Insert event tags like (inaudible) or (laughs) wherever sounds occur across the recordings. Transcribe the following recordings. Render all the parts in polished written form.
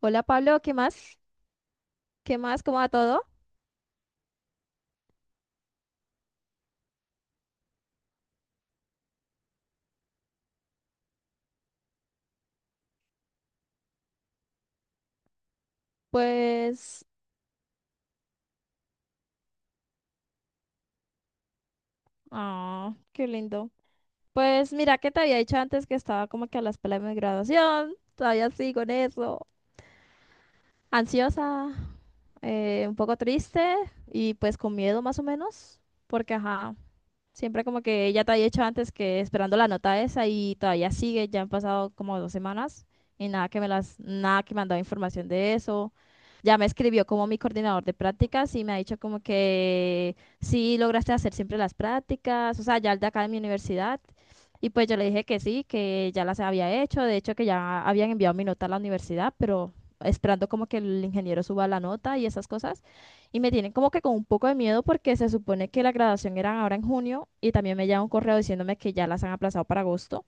Hola Pablo, ¿qué más? ¿Qué más? ¿Cómo va todo? Pues, ah, qué lindo. Pues mira que te había dicho antes que estaba como que a la espera de mi graduación, todavía sigo en eso. Ansiosa, un poco triste y pues con miedo más o menos, porque ajá, siempre como que ella te había dicho antes que esperando la nota esa y todavía sigue, ya han pasado como 2 semanas y nada que me han dado información de eso. Ya me escribió como mi coordinador de prácticas y me ha dicho como que sí lograste hacer siempre las prácticas, o sea, ya el de acá de mi universidad. Y pues yo le dije que sí, que ya las había hecho, de hecho que ya habían enviado mi nota a la universidad, pero esperando como que el ingeniero suba la nota y esas cosas. Y me tienen como que con un poco de miedo porque se supone que la graduación era ahora en junio y también me llega un correo diciéndome que ya las han aplazado para agosto.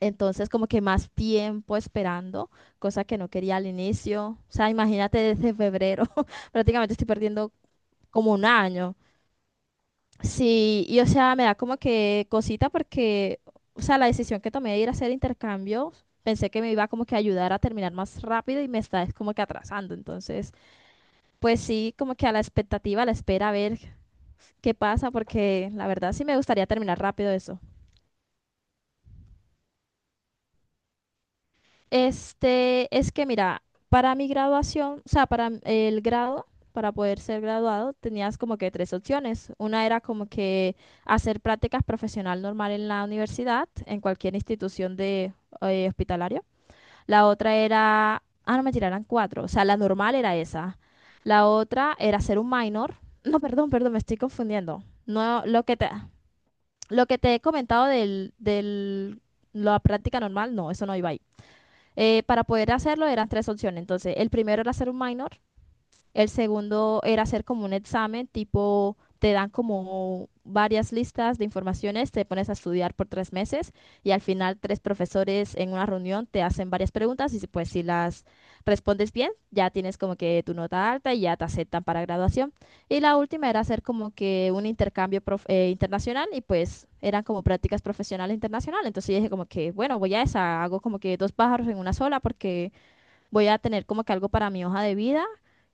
Entonces como que más tiempo esperando, cosa que no quería al inicio. O sea, imagínate desde febrero, (laughs) prácticamente estoy perdiendo como un año. Sí, y o sea, me da como que cosita porque, o sea, la decisión que tomé de ir a hacer intercambios, pensé que me iba como que a ayudar a terminar más rápido y me está es como que atrasando. Entonces, pues sí, como que a la expectativa, a la espera, a ver qué pasa, porque la verdad sí me gustaría terminar rápido eso. Es que mira, para mi graduación, o sea, el grado, para poder ser graduado, tenías como que tres opciones. Una era como que hacer prácticas profesional normal en la universidad, en cualquier institución de hospitalario. La otra era, ah, no, me tiraran cuatro, o sea, la normal era esa. La otra era ser un minor. No, perdón, perdón, me estoy confundiendo. No, lo que te he comentado la práctica normal, no, eso no iba ahí. Para poder hacerlo eran tres opciones. Entonces, el primero era hacer un minor, el segundo era hacer como un examen, tipo, te dan como varias listas de informaciones, te pones a estudiar por 3 meses y al final tres profesores en una reunión te hacen varias preguntas y si, pues si las respondes bien, ya tienes como que tu nota alta y ya te aceptan para graduación. Y la última era hacer como que un intercambio internacional y pues eran como prácticas profesionales internacionales. Entonces yo dije como que, bueno, voy a esa, hago como que dos pájaros en una sola porque voy a tener como que algo para mi hoja de vida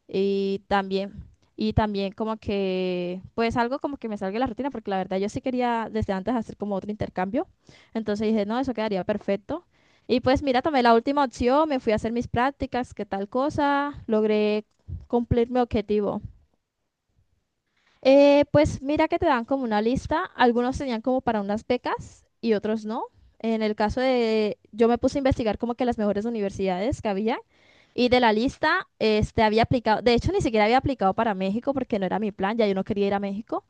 y también, y también como que, pues algo como que me salga de la rutina, porque la verdad yo sí quería desde antes hacer como otro intercambio. Entonces dije, no, eso quedaría perfecto. Y pues mira, tomé la última opción, me fui a hacer mis prácticas, qué tal cosa, logré cumplir mi objetivo. Pues mira que te dan como una lista, algunos tenían como para unas becas y otros no. En el caso de, yo me puse a investigar como que las mejores universidades que había y de la lista, había aplicado, de hecho, ni siquiera había aplicado para México porque no era mi plan, ya yo no quería ir a México,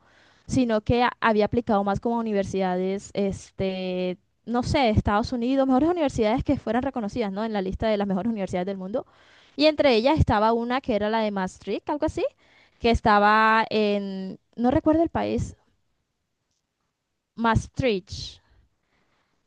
sino que había aplicado más como a universidades, no sé, de Estados Unidos, mejores universidades que fueran reconocidas, ¿no? En la lista de las mejores universidades del mundo. Y entre ellas estaba una que era la de Maastricht, algo así, que estaba en, no recuerdo el país, Maastricht.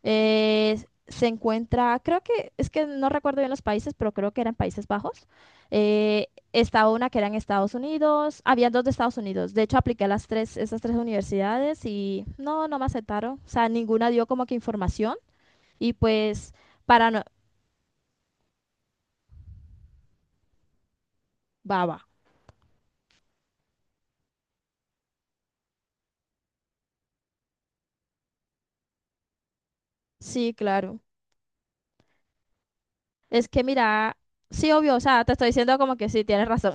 Eh, se encuentra, creo que, es que no recuerdo bien los países, pero creo que eran Países Bajos. Eh, estaba una que era en Estados Unidos, había dos de Estados Unidos. De hecho, apliqué a las tres, esas tres universidades y no, no me aceptaron. O sea, ninguna dio como que información y pues para no, baba. Sí, claro. Es que mira, sí, obvio, o sea, te estoy diciendo como que sí, tienes razón.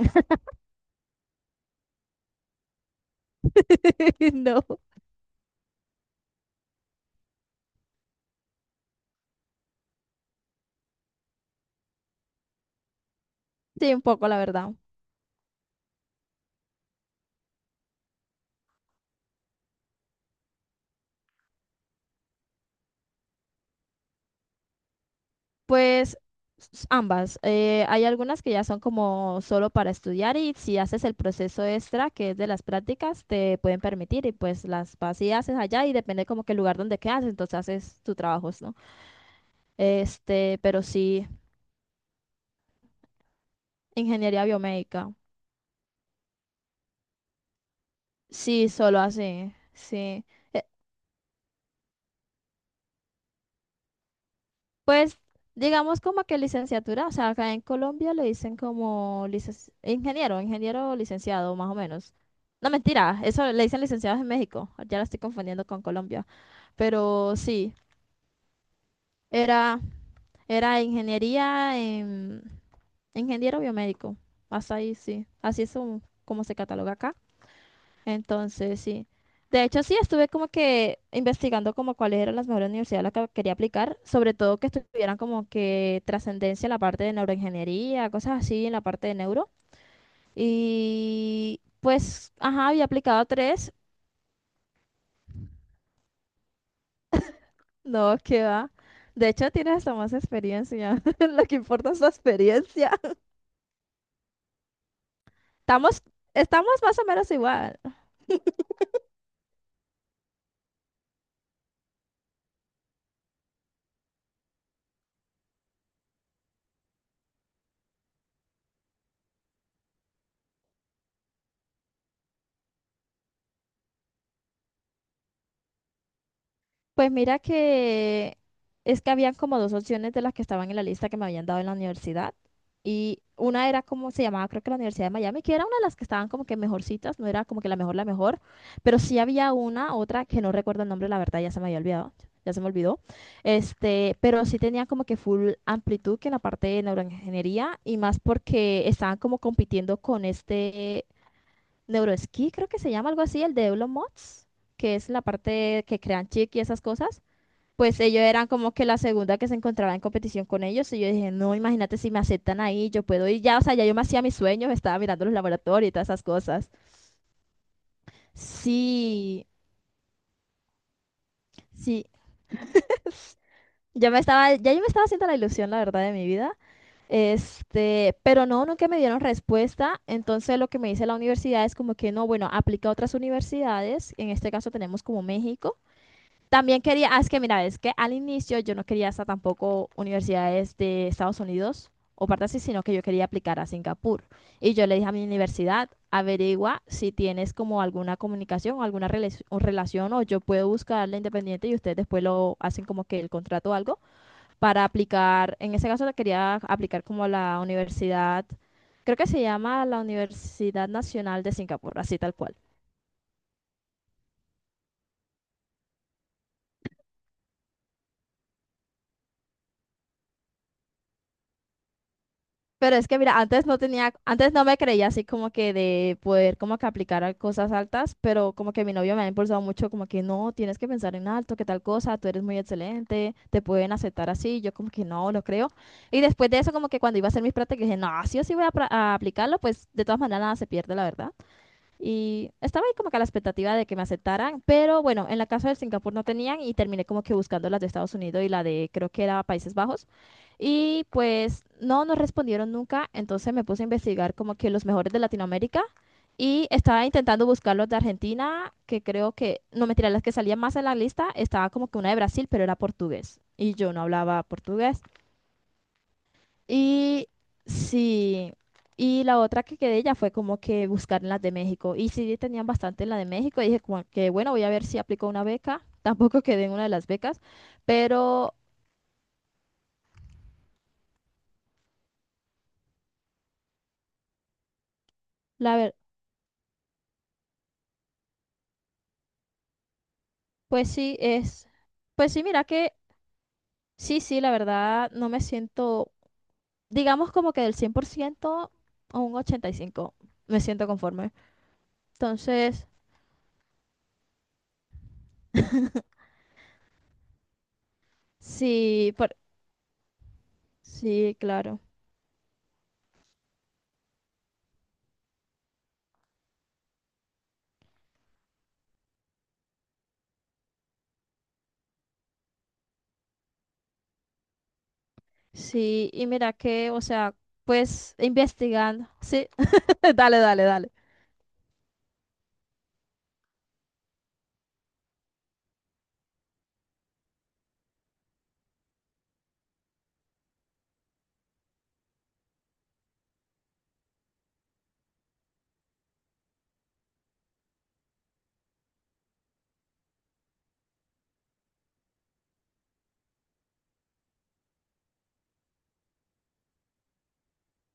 (laughs) No, sí, un poco, la verdad. Pues ambas. Hay algunas que ya son como solo para estudiar y si haces el proceso extra, que es de las prácticas, te pueden permitir y pues las vas y haces allá y depende como que el lugar donde quedas, entonces haces tus trabajos, ¿no? Pero sí, ingeniería biomédica. Sí, solo así, sí. E- Pues digamos como que licenciatura, o sea, acá en Colombia le dicen como ingeniero, ingeniero o licenciado, más o menos. No, mentira, eso le dicen licenciados en México, ya la estoy confundiendo con Colombia, pero sí, era, era ingeniería en ingeniero biomédico, hasta ahí sí, así es como se cataloga acá. Entonces, sí. De hecho, sí, estuve como que investigando como cuáles eran las mejores universidades a las que quería aplicar, sobre todo que estuvieran como que trascendencia en la parte de neuroingeniería, cosas así, en la parte de neuro. Y pues, ajá, había aplicado a tres, no, qué va. De hecho, tienes hasta más experiencia. (laughs) Lo que importa es la experiencia. (laughs) Estamos, estamos más o menos igual. Pues mira que es que habían como dos opciones de las que estaban en la lista que me habían dado en la universidad. Y una era como se llamaba, creo que la Universidad de Miami, que era una de las que estaban como que mejorcitas, no era como que la mejor, pero sí había una, otra que no recuerdo el nombre, la verdad ya se me había olvidado, ya se me olvidó. Pero sí tenía como que full amplitud que en la parte de neuroingeniería y más porque estaban como compitiendo con este neuroesquí, creo que se llama algo así, el de Elon Musk, que es la parte que crean chip y esas cosas pues ellos eran como que la segunda que se encontraba en competición con ellos. Y yo dije, no, imagínate si me aceptan ahí, yo puedo ir ya, o sea, ya yo me hacía mis sueños, estaba mirando los laboratorios y todas esas cosas. Sí, sí, ya me estaba, ya yo me estaba haciendo la ilusión, la verdad, de mi vida. Pero no, nunca me dieron respuesta. Entonces lo que me dice la universidad es como que no, bueno, aplica a otras universidades. En este caso tenemos como México. También quería, ah, es que mira, es que al inicio yo no quería hasta tampoco universidades de Estados Unidos o parte así, sino que yo quería aplicar a Singapur. Y yo le dije a mi universidad, averigua si tienes como alguna comunicación o relación o yo puedo buscarla independiente y ustedes después lo hacen como que el contrato o algo para aplicar. En ese caso le quería aplicar como a la universidad, creo que se llama la Universidad Nacional de Singapur, así tal cual. Pero es que mira, antes no me creía así como que de poder como que aplicar a cosas altas, pero como que mi novio me ha impulsado mucho como que no, tienes que pensar en alto, que tal cosa, tú eres muy excelente, te pueden aceptar así, yo como que no, lo creo. Y después de eso como que cuando iba a hacer mis prácticas dije, no, sí o sí voy a aplicarlo, pues de todas maneras nada se pierde, la verdad. Y estaba ahí como que a la expectativa de que me aceptaran, pero bueno, en la casa de Singapur no tenían y terminé como que buscando las de Estados Unidos y la de creo que era Países Bajos. Y pues no nos respondieron nunca, entonces me puse a investigar como que los mejores de Latinoamérica y estaba intentando buscar los de Argentina, que creo que, no mentira, las que salían más en la lista, estaba como que una de Brasil, pero era portugués y yo no hablaba portugués. Y sí, y la otra que quedé ya fue como que buscar en las de México. Y sí tenían bastante en la de México. Y dije como que bueno, voy a ver si aplico una beca. (laughs) Tampoco quedé en una de las becas. Pero la ver, pues sí es, pues sí, mira que sí, sí, la verdad no me siento, digamos como que del 100% a un 85 me siento conforme. Entonces, sí, por, sí, claro. Sí, y mira que, o sea, pues investigando, sí, (laughs) Dale, dale, dale.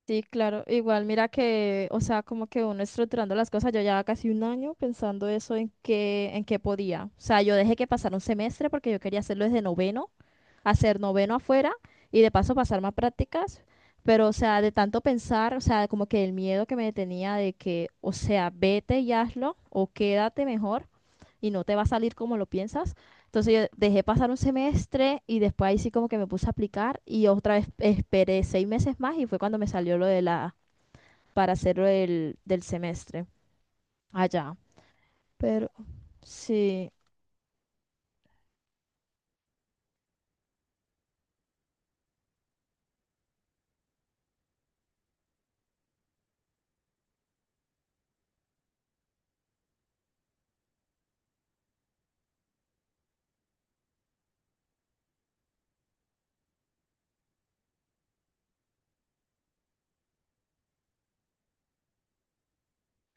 Sí, claro, igual mira que, o sea, como que uno estructurando las cosas, yo ya casi un año pensando eso en qué podía. O sea, yo dejé que pasara un semestre porque yo quería hacerlo desde noveno, hacer noveno afuera y de paso pasar más prácticas, pero o sea, de tanto pensar, o sea, como que el miedo que me detenía de que, o sea, vete y hazlo o quédate mejor, y no te va a salir como lo piensas. Entonces yo dejé pasar un semestre y después ahí sí como que me puse a aplicar y otra vez esperé 6 meses más y fue cuando me salió lo de la, para hacerlo del semestre allá. Pero sí,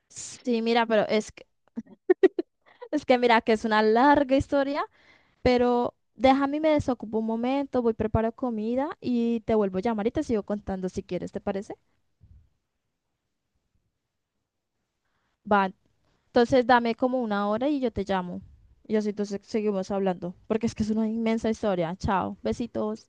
sí, mira, pero es que mira que es una larga historia, pero déjame y me desocupo un momento, voy preparo comida y te vuelvo a llamar y te sigo contando si quieres, ¿te parece? Va, entonces dame como una hora y yo te llamo. Y así entonces seguimos hablando, porque es que es una inmensa historia. Chao, besitos.